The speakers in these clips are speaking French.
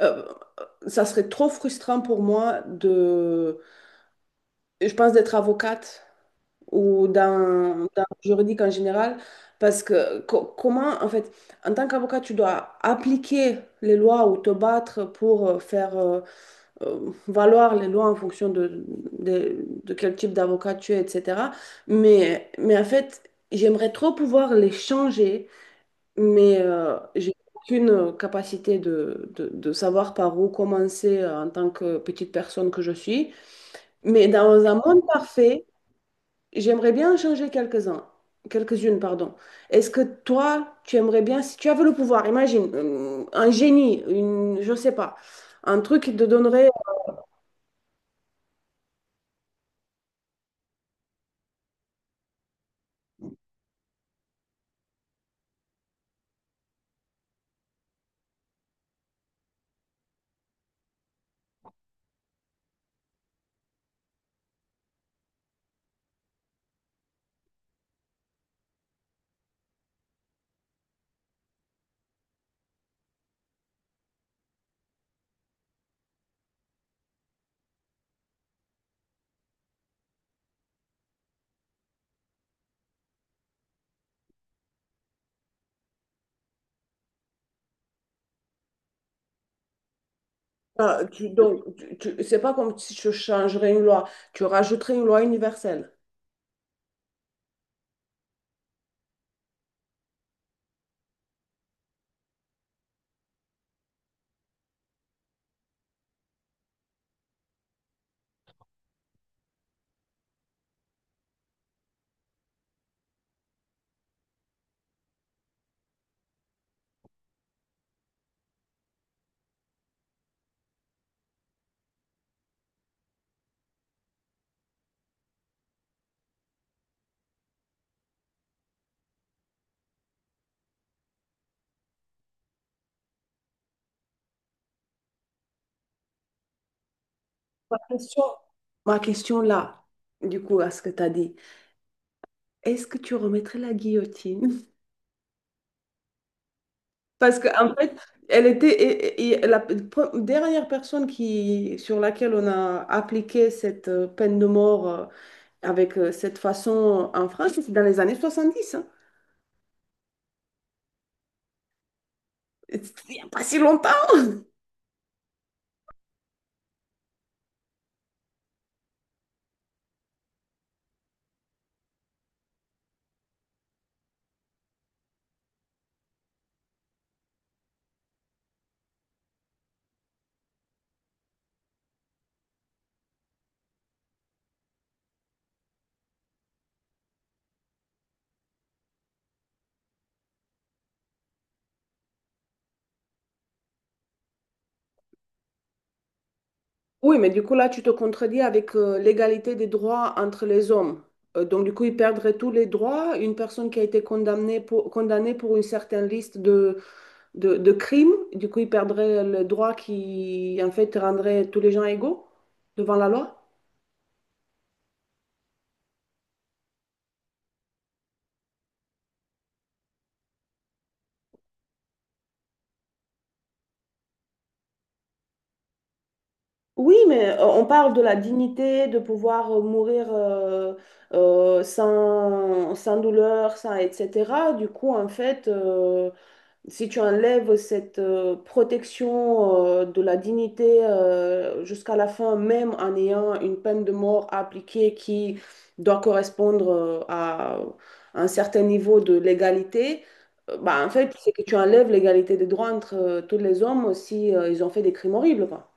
Euh, ça serait trop frustrant pour moi de, je pense, d'être avocate ou dans le juridique en général, parce que comment, en fait, en tant qu'avocat, tu dois appliquer les lois ou te battre pour faire valoir les lois en fonction de quel type d'avocat tu es, etc. Mais en fait, j'aimerais trop pouvoir les changer mais j'ai aucune capacité de savoir par où commencer en tant que petite personne que je suis. Mais dans un monde parfait, j'aimerais bien en changer quelques-uns, quelques-unes, pardon. Est-ce que toi, tu aimerais bien, si tu avais le pouvoir, imagine, un génie, une, je sais pas, un truc qui te donnerait, donc, c'est pas comme si tu changerais une loi, tu rajouterais une loi universelle. Ma question, ma question là, du coup, à ce que tu as dit. Est-ce que tu remettrais la guillotine? Parce qu'en fait, elle était et la pre- dernière personne sur laquelle on a appliqué cette peine de mort avec cette façon en France, c'est dans les années 70, hein. Et c'était, il n'y a pas si longtemps. Oui, mais du coup, là, tu te contredis avec l'égalité des droits entre les hommes. Donc, du coup, ils perdraient tous les droits. Une personne qui a été condamnée pour une certaine liste de crime. Du coup, ils perdraient le droit qui, en fait, rendrait tous les gens égaux devant la loi. Oui, mais on parle de la dignité, de pouvoir mourir sans douleur, sans, etc. Du coup, en fait, si tu enlèves cette protection de la dignité jusqu'à la fin, même en ayant une peine de mort à appliquer qui doit correspondre à un certain niveau de légalité, bah, en fait, c'est que tu enlèves l'égalité des droits entre tous les hommes si ils ont fait des crimes horribles, quoi.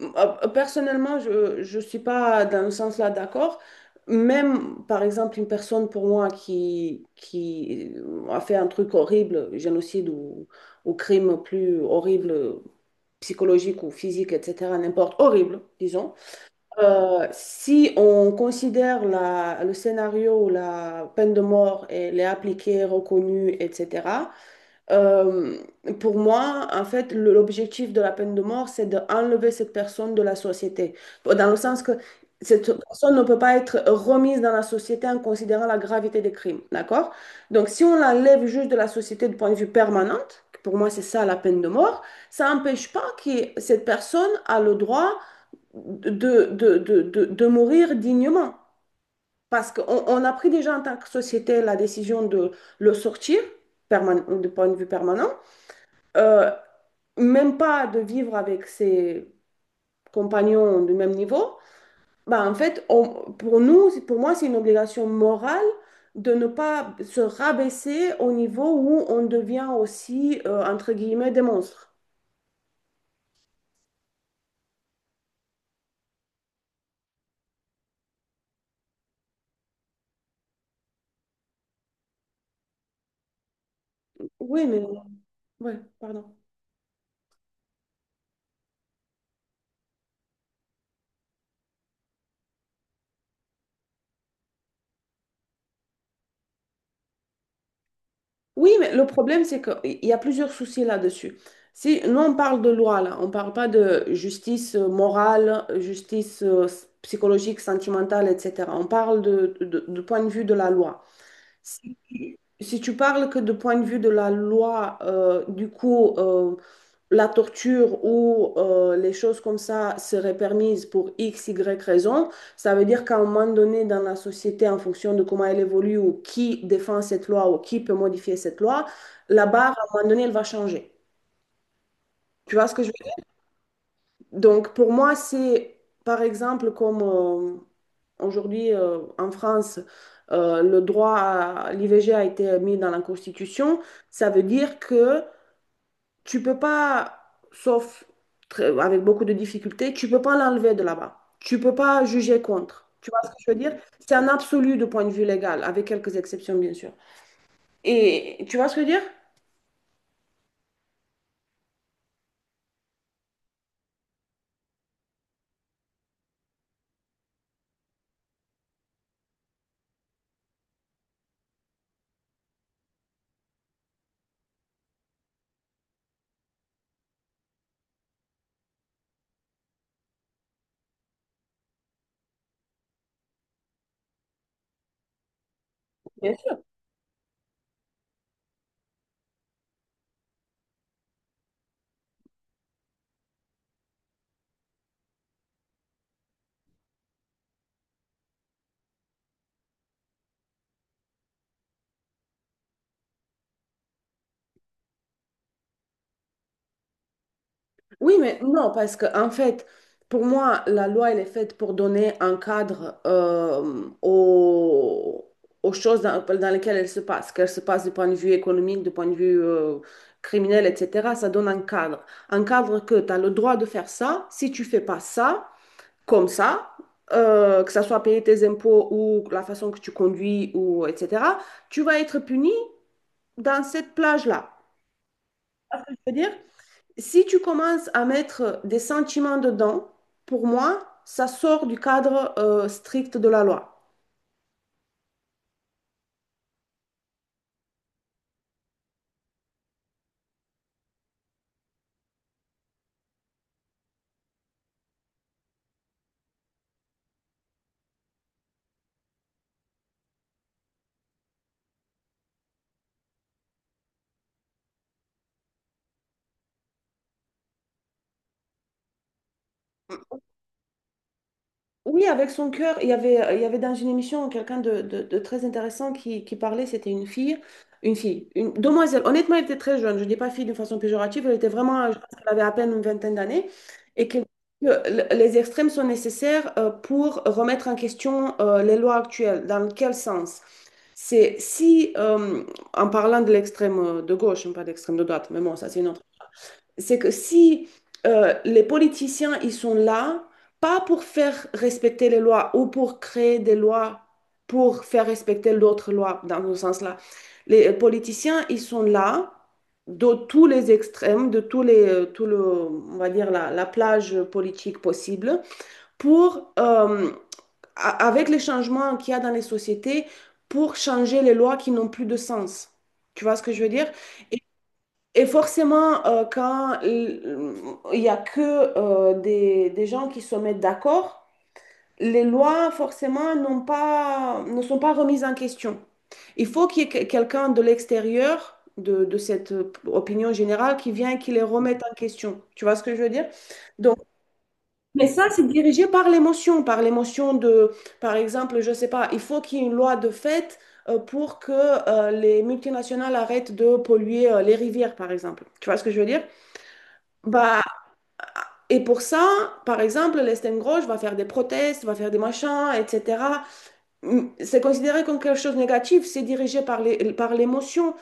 Personnellement, je ne suis pas dans ce sens là d'accord. Même, par exemple, une personne pour moi qui a fait un truc horrible, génocide ou crime plus horrible, psychologique ou physique, etc., n'importe, horrible, disons. Si on considère le scénario où la peine de mort elle est appliquée, reconnue, etc., euh, pour moi, en fait, l'objectif de la peine de mort, c'est d'enlever cette personne de la société. Dans le sens que cette personne ne peut pas être remise dans la société en considérant la gravité des crimes. D'accord? Donc, si on l'enlève juste de la société du point de vue permanent, que pour moi, c'est ça la peine de mort, ça n'empêche pas que cette personne a le droit de, de mourir dignement. Parce qu'on on a pris déjà en tant que société la décision de le sortir de point de vue permanent euh, même pas de vivre avec ses compagnons du même niveau, bah en fait, pour nous, pour moi, c'est une obligation morale de ne pas se rabaisser au niveau où on devient aussi, entre guillemets, des monstres. Oui, mais... Ouais, pardon. Oui, mais le problème, c'est qu'il y a plusieurs soucis là-dessus. Si, nous, on parle de loi, là. On ne parle pas de justice morale, justice psychologique, sentimentale, etc. On parle de, du point de vue de la loi. Si, si tu parles que du point de vue de la loi, du coup, la torture ou les choses comme ça seraient permises pour X, Y raison, ça veut dire qu'à un moment donné dans la société, en fonction de comment elle évolue ou qui défend cette loi ou qui peut modifier cette loi, la barre, à un moment donné, elle va changer. Tu vois ce que je veux dire? Donc, pour moi, c'est, par exemple, comme. Aujourd'hui, en France, le droit à l'IVG a été mis dans la Constitution. Ça veut dire que tu peux pas, sauf avec beaucoup de difficultés, tu peux pas l'enlever de là-bas. Tu peux pas juger contre. Tu vois ce que je veux dire? C'est un absolu de point de vue légal, avec quelques exceptions, bien sûr. Et tu vois ce que je veux dire? Oui, mais non, parce que en fait, pour moi, la loi, elle est faite pour donner un cadre aux, aux choses dans lesquelles elle se passe, qu'elle se passe du point de vue économique, du point de vue criminel, etc. Ça donne un cadre. Un cadre que tu as le droit de faire ça, si tu fais pas ça, comme ça, que ça soit payer tes impôts ou la façon que tu conduis, ou etc., tu vas être puni dans cette plage-là. Je veux dire si tu commences à mettre des sentiments dedans, pour moi, ça sort du cadre strict de la loi. Oui, avec son cœur, il y avait dans une émission quelqu'un de, de très intéressant qui parlait, c'était une fille, une demoiselle. Honnêtement, elle était très jeune, je ne dis pas fille d'une façon péjorative, elle était vraiment, je pense qu'elle avait à peine une vingtaine d'années, et qu'elle dit que les extrêmes sont nécessaires pour remettre en question les lois actuelles. Dans quel sens? C'est si, en parlant de l'extrême de gauche, hein, pas d'extrême de droite, mais bon, ça c'est une autre, c'est que si les politiciens, ils sont là, pas pour faire respecter les lois ou pour créer des lois pour faire respecter d'autres lois, dans ce sens-là, les politiciens, ils sont là de tous les extrêmes, de tous les, tout le, on va dire, la plage politique possible pour... euh, avec les changements qu'il y a dans les sociétés pour changer les lois qui n'ont plus de sens. Tu vois ce que je veux dire? Et, et forcément, quand il n'y a que des gens qui se mettent d'accord, les lois, forcément, n'ont pas, ne sont pas remises en question. Il faut qu'il y ait quelqu'un de l'extérieur, de cette opinion générale, qui vient et qui les remette en question. Tu vois ce que je veux dire? Donc, mais ça, c'est dirigé par l'émotion de, par exemple, je sais pas, il faut qu'il y ait une loi de fait pour que les multinationales arrêtent de polluer les rivières, par exemple. Tu vois ce que je veux dire? Bah, et pour ça, par exemple, l'Estème Grosse va faire des protestes, va faire des machins, etc. C'est considéré comme quelque chose de négatif, c'est dirigé par les, par l'émotion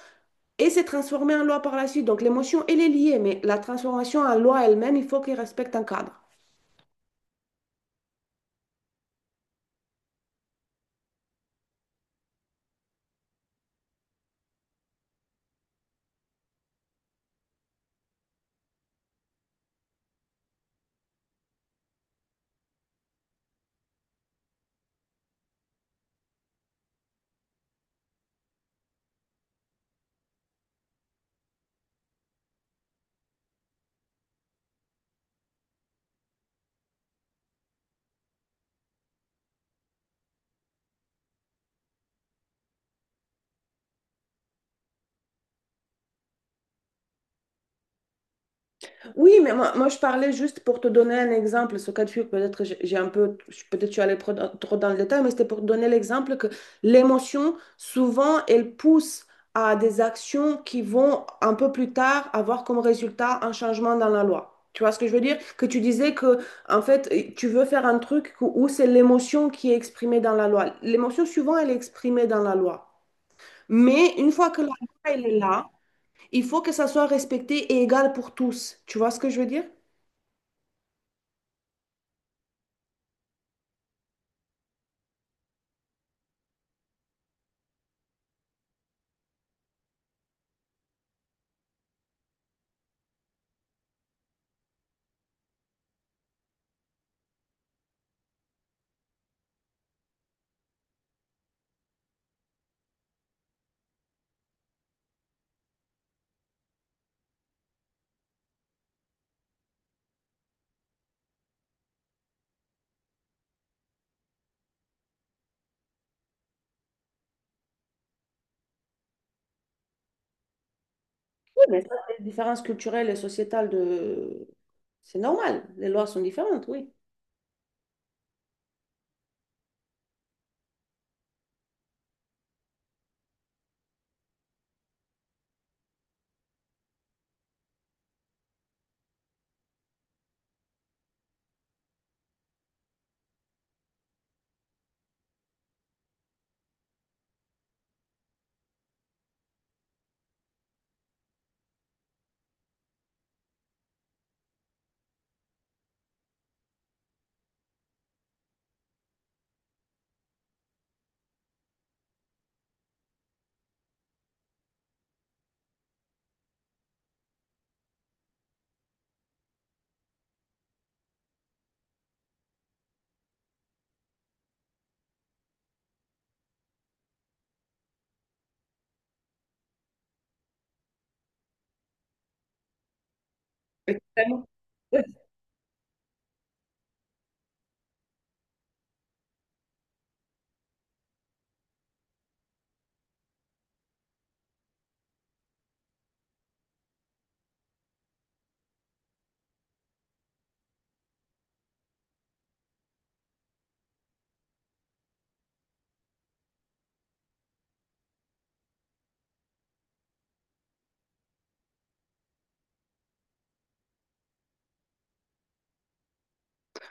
et c'est transformé en loi par la suite. Donc l'émotion, elle est liée, mais la transformation en loi elle-même, il faut qu'elle respecte un cadre. Oui, mais moi, je parlais juste pour te donner un exemple. Ce cas de figure, peut-être que j'ai un peu, peut-être je suis allée trop dans le détail, mais c'était pour te donner l'exemple que l'émotion, souvent, elle pousse à des actions qui vont un peu plus tard avoir comme résultat un changement dans la loi. Tu vois ce que je veux dire? Que tu disais que, en fait, tu veux faire un truc où c'est l'émotion qui est exprimée dans la loi. L'émotion, souvent, elle est exprimée dans la loi. Mais une fois que la loi, elle est là, il faut que ça soit respecté et égal pour tous. Tu vois ce que je veux dire? Mais ça, c'est les différences culturelles et sociétales de... C'est normal, les lois sont différentes, oui.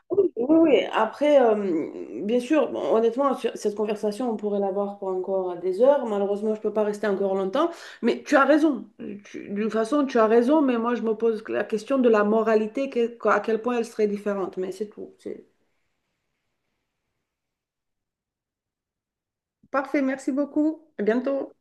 Oui, oui. Oui. Après, bien sûr, bon, honnêtement, sur cette conversation, on pourrait l'avoir pour encore des heures. Malheureusement, je ne peux pas rester encore longtemps. Mais tu as raison. D'une façon, tu as raison, mais moi, je me pose la question de la moralité, à quel point elle serait différente. Mais c'est tout. Parfait, merci beaucoup. À bientôt.